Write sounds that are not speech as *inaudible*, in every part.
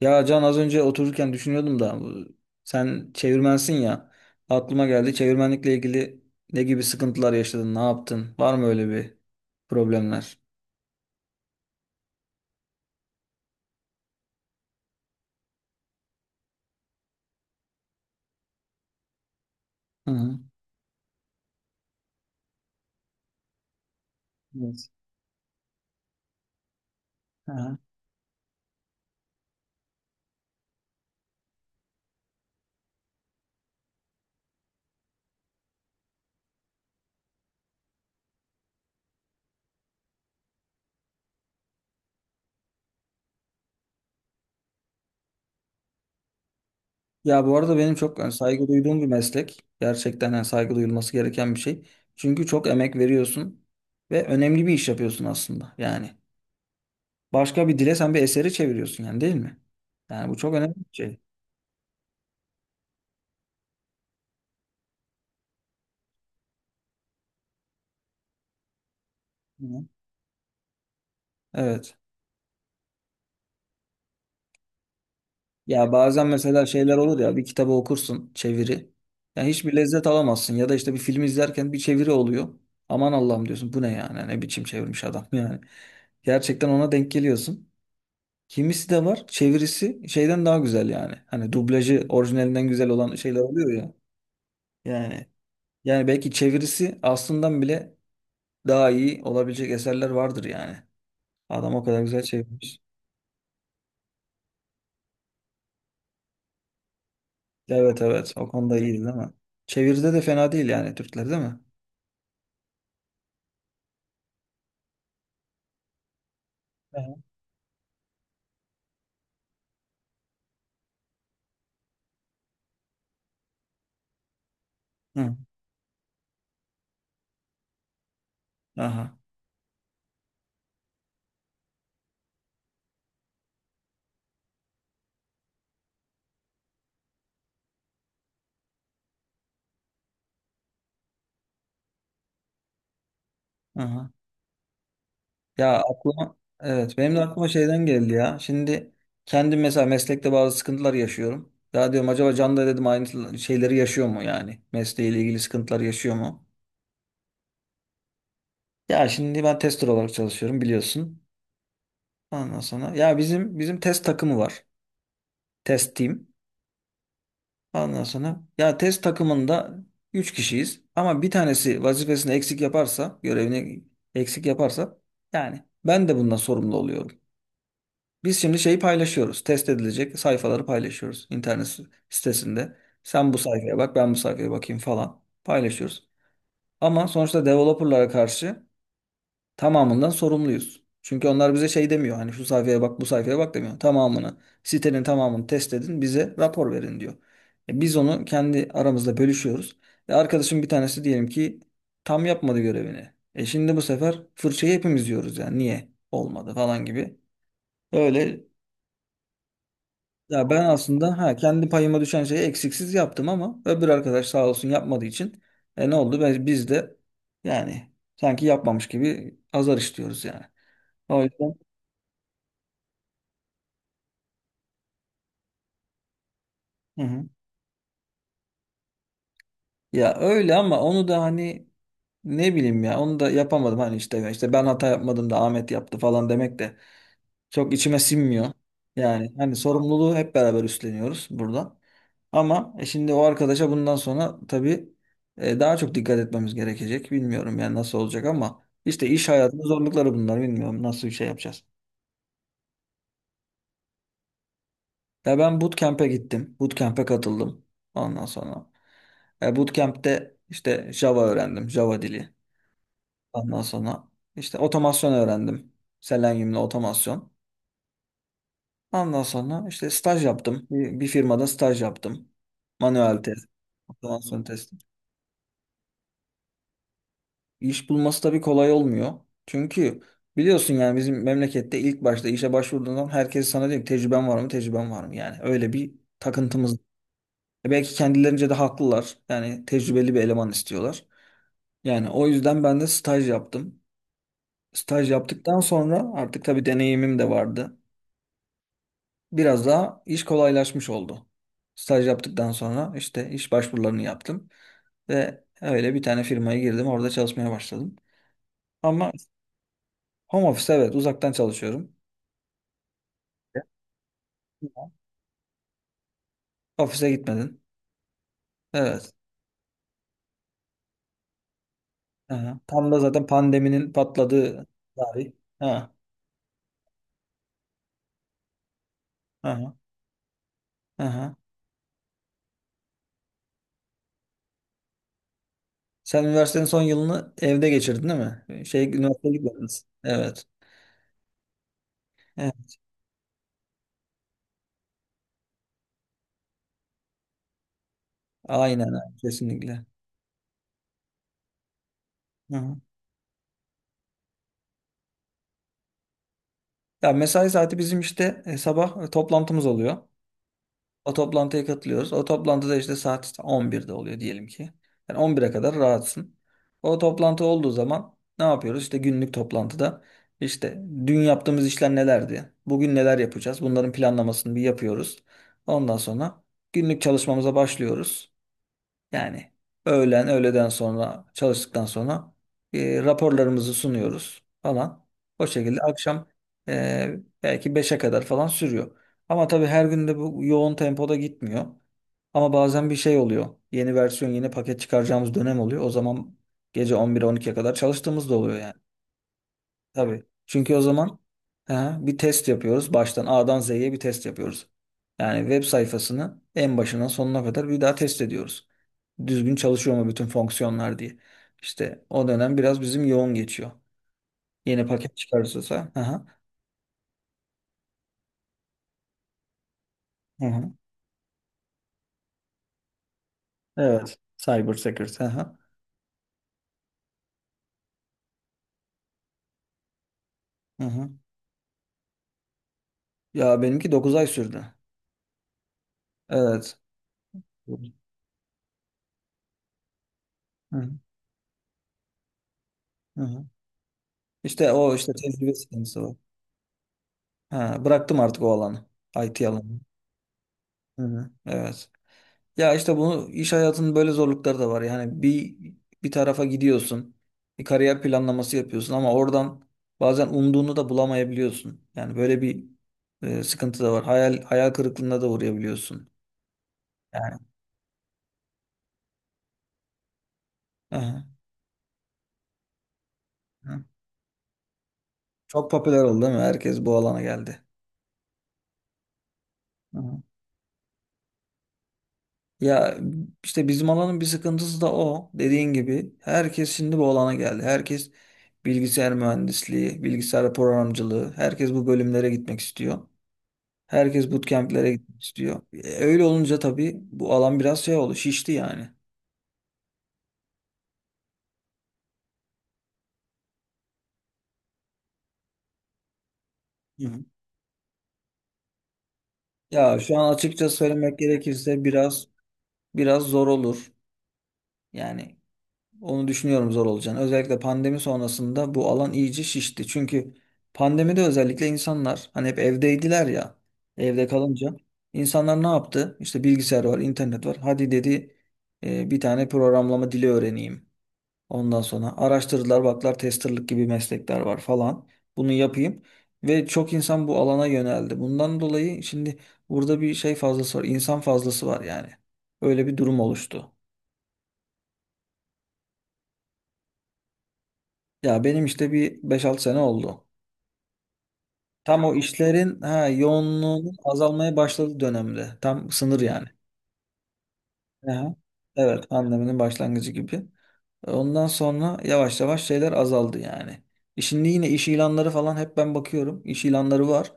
Ya Can, az önce otururken düşünüyordum da sen çevirmensin ya, aklıma geldi. Çevirmenlikle ilgili ne gibi sıkıntılar yaşadın, ne yaptın, var mı öyle bir problemler? Hı hı. Evet. Hı hı. Ya bu arada benim çok, yani saygı duyduğum bir meslek gerçekten, yani saygı duyulması gereken bir şey çünkü çok emek veriyorsun ve önemli bir iş yapıyorsun aslında, yani başka bir dile sen bir eseri çeviriyorsun yani, değil mi? Yani bu çok önemli bir şey. Hı hı. Evet. Ya bazen mesela şeyler olur ya, bir kitabı okursun, çeviri. Ya hiçbir lezzet alamazsın, ya da işte bir film izlerken bir çeviri oluyor. Aman Allah'ım diyorsun, bu ne yani, ne biçim çevirmiş adam *laughs* yani. Gerçekten ona denk geliyorsun. Kimisi de var çevirisi şeyden daha güzel yani. Hani dublajı orijinalinden güzel olan şeyler oluyor ya. Yani yani belki çevirisi aslından bile daha iyi olabilecek eserler vardır yani. Adam o kadar güzel çevirmiş. Evet, evet, o konuda iyi değil mi? Çeviride de fena değil yani Türkler, değil mi? Hı. Hı. Aha, aha. Ya aklıma, evet benim de aklıma şeyden geldi ya. Şimdi kendim mesela meslekte bazı sıkıntılar yaşıyorum. Ya diyorum, acaba Can da, dedim, aynı şeyleri yaşıyor mu yani? Mesleğiyle ilgili sıkıntılar yaşıyor mu? Ya şimdi ben tester olarak çalışıyorum, biliyorsun. Ondan sonra ya bizim test takımı var. Test team. Ondan sonra ya test takımında 3 kişiyiz, ama bir tanesi vazifesini eksik yaparsa, görevini eksik yaparsa, yani ben de bundan sorumlu oluyorum. Biz şimdi şeyi paylaşıyoruz. Test edilecek sayfaları paylaşıyoruz internet sitesinde. Sen bu sayfaya bak, ben bu sayfaya bakayım falan paylaşıyoruz. Ama sonuçta developerlara karşı tamamından sorumluyuz. Çünkü onlar bize şey demiyor. Hani şu sayfaya bak, bu sayfaya bak demiyor. Sitenin tamamını test edin, bize rapor verin diyor. E biz onu kendi aramızda bölüşüyoruz. Ve arkadaşım bir tanesi diyelim ki tam yapmadı görevini. E şimdi bu sefer fırçayı hepimiz yiyoruz yani. Niye olmadı falan gibi. Öyle. Ya ben aslında, ha, kendi payıma düşen şeyi eksiksiz yaptım ama öbür arkadaş sağ olsun yapmadığı için ne oldu? Biz de yani sanki yapmamış gibi azar işliyoruz yani. O yüzden. Hı hı. Ya öyle ama onu da hani, ne bileyim ya, onu da yapamadım, hani işte ben hata yapmadım da Ahmet yaptı falan demek de çok içime sinmiyor. Yani hani sorumluluğu hep beraber üstleniyoruz burada. Ama şimdi o arkadaşa bundan sonra tabii daha çok dikkat etmemiz gerekecek. Bilmiyorum yani nasıl olacak, ama işte iş hayatının zorlukları bunlar. Bilmiyorum nasıl bir şey yapacağız. Ya ben bootcamp'e gittim. Bootcamp'e katıldım. Ondan sonra. Bootcamp'te işte Java öğrendim. Java dili. Ondan sonra işte otomasyon öğrendim. Selenium'la otomasyon. Ondan sonra işte staj yaptım. Bir firmada staj yaptım. Manuel test, otomasyon test. İş bulması tabii kolay olmuyor. Çünkü biliyorsun yani bizim memlekette ilk başta işe başvurduğundan herkes sana diyor ki tecrüben var mı, tecrüben var mı? Yani öyle bir takıntımız. Belki kendilerince de haklılar. Yani tecrübeli bir eleman istiyorlar. Yani o yüzden ben de staj yaptım. Staj yaptıktan sonra artık tabii deneyimim de vardı. Biraz daha iş kolaylaşmış oldu. Staj yaptıktan sonra işte iş başvurularını yaptım ve öyle bir tane firmaya girdim. Orada çalışmaya başladım. Ama home office, evet, uzaktan çalışıyorum. Ofise gitmedin. Evet. Aha. Tam da zaten pandeminin patladığı tarih. Ha. Aha. Aha. Sen üniversitenin son yılını evde geçirdin, değil mi? Şey, üniversiteye gitmediniz. Evet. Evet. Aynen. Aynen. Kesinlikle. Hı hı. Ya mesai saati bizim işte, sabah toplantımız oluyor. O toplantıya katılıyoruz. O toplantıda işte saat 11'de oluyor diyelim ki. Yani 11'e kadar rahatsın. O toplantı olduğu zaman ne yapıyoruz? İşte günlük toplantıda işte dün yaptığımız işler nelerdi, bugün neler yapacağız? Bunların planlamasını bir yapıyoruz. Ondan sonra günlük çalışmamıza başlıyoruz. Yani öğleden sonra çalıştıktan sonra raporlarımızı sunuyoruz falan. O şekilde akşam, e, belki beşe kadar falan sürüyor. Ama tabii her gün de bu yoğun tempoda gitmiyor. Ama bazen bir şey oluyor. Yeni versiyon, yeni paket çıkaracağımız dönem oluyor. O zaman gece 11-12'ye kadar çalıştığımız da oluyor yani. Tabii. Çünkü o zaman, ha, bir test yapıyoruz. Baştan A'dan Z'ye bir test yapıyoruz. Yani web sayfasını en başından sonuna kadar bir daha test ediyoruz, düzgün çalışıyor mu bütün fonksiyonlar diye. İşte o dönem biraz bizim yoğun geçiyor. Yeni paket çıkarırsa. Aha, aha. Evet. Cyber Security. Aha, aha. Ya benimki 9 ay sürdü. Evet. Hı hı. Hı hı. İşte o işte tecrübe sıkıntısı var. Ha, bıraktım artık o alanı. IT alanı. Hı hı. Evet. Ya işte bunu, iş hayatının böyle zorlukları da var. Yani bir tarafa gidiyorsun, bir kariyer planlaması yapıyorsun ama oradan bazen umduğunu da bulamayabiliyorsun. Yani böyle bir sıkıntı da var. Hayal kırıklığına da uğrayabiliyorsun. Yani aha, aha. Çok popüler oldu, değil mi? Herkes bu alana geldi. Aha. Ya işte bizim alanın bir sıkıntısı da o. Dediğin gibi herkes şimdi bu alana geldi. Herkes bilgisayar mühendisliği, bilgisayar programcılığı, herkes bu bölümlere gitmek istiyor. Herkes bootcamp'lere gitmek istiyor. Öyle olunca tabii bu alan biraz şey oldu, şişti yani. Hı hı. Ya şu an açıkça söylemek gerekirse biraz zor olur. Yani onu düşünüyorum zor olacağını. Özellikle pandemi sonrasında bu alan iyice şişti. Çünkü pandemide özellikle insanlar hani hep evdeydiler ya. Evde kalınca insanlar ne yaptı? İşte bilgisayar var, internet var. Hadi dedi, bir tane programlama dili öğreneyim. Ondan sonra araştırdılar, baklar testerlık gibi meslekler var falan. Bunu yapayım. Ve çok insan bu alana yöneldi. Bundan dolayı şimdi burada bir şey fazlası var. İnsan fazlası var yani. Öyle bir durum oluştu. Ya benim işte bir 5-6 sene oldu. Tam o işlerin, ha, yoğunluğunun azalmaya başladığı dönemde. Tam sınır yani. Aha. Evet, pandeminin başlangıcı gibi. Ondan sonra yavaş yavaş şeyler azaldı yani. Şimdi yine iş ilanları falan hep ben bakıyorum. İş ilanları var.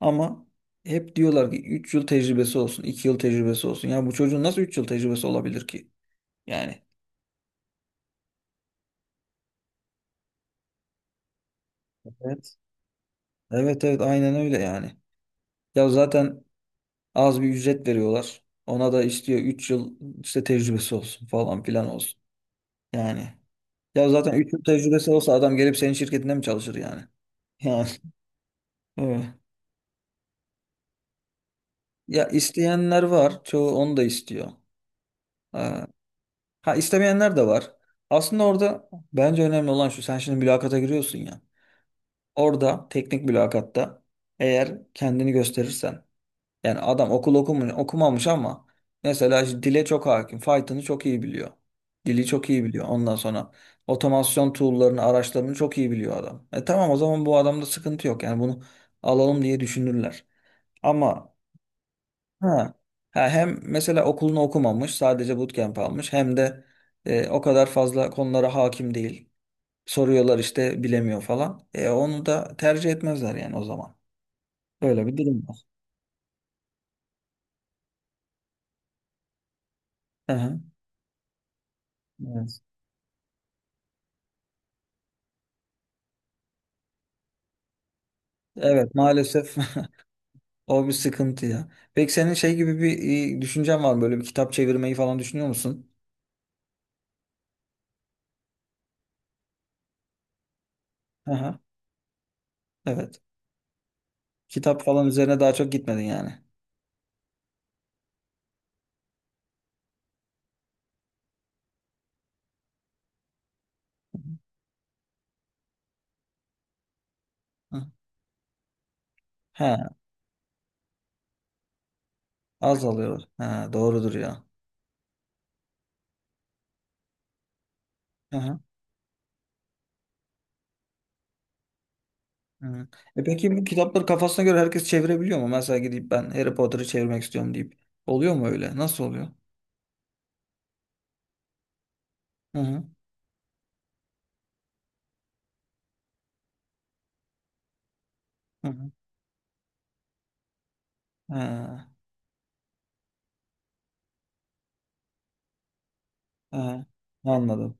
Ama hep diyorlar ki 3 yıl tecrübesi olsun, 2 yıl tecrübesi olsun. Ya bu çocuğun nasıl 3 yıl tecrübesi olabilir ki? Yani. Evet, evet, evet, aynen öyle yani. Ya zaten az bir ücret veriyorlar. Ona da istiyor 3 yıl işte tecrübesi olsun falan filan olsun. Yani ya zaten 3 yıl tecrübesi olsa adam gelip senin şirketinde mi çalışır yani? Yani *laughs* evet. Ya isteyenler var. Çoğu onu da istiyor. Ha, ha, istemeyenler de var. Aslında orada bence önemli olan şu. Sen şimdi mülakata giriyorsun ya. Orada teknik mülakatta eğer kendini gösterirsen, yani adam okul okumuyor, okumamış ama mesela işte dile çok hakim. Python'ı çok iyi biliyor. Dili çok iyi biliyor. Ondan sonra otomasyon tool'larını, araçlarını çok iyi biliyor adam. Tamam, o zaman bu adamda sıkıntı yok. Yani bunu alalım diye düşünürler. Ama, ha, ha hem mesela okulunu okumamış, sadece bootcamp almış, hem de o kadar fazla konulara hakim değil. Soruyorlar işte bilemiyor falan. Onu da tercih etmezler yani o zaman. Öyle bir durum var. Aha, evet. Evet maalesef *laughs* o bir sıkıntı ya. Peki senin şey gibi bir düşüncen var mı? Böyle bir kitap çevirmeyi falan düşünüyor musun? Aha, evet. Kitap falan üzerine daha çok gitmedin yani. Hı. He, az alıyor. He, doğrudur ya. Aha, hı. Peki bu kitapları kafasına göre herkes çevirebiliyor mu? Mesela gidip ben Harry Potter'ı çevirmek istiyorum deyip. Oluyor mu öyle? Nasıl oluyor? Hı hı. Hı hı. He, he. Anladım.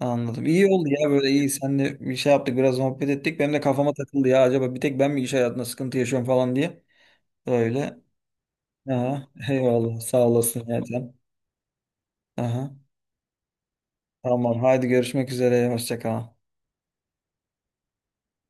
Anladım. İyi oldu ya, böyle iyi. Seninle bir şey yaptık, biraz muhabbet ettik. Benim de kafama takıldı ya, acaba bir tek ben mi iş hayatında sıkıntı yaşıyorum falan diye. Öyle. Aha, *laughs* eyvallah, sağ olasın zaten. Aha, tamam. Haydi, görüşmek üzere. Hoşça kal.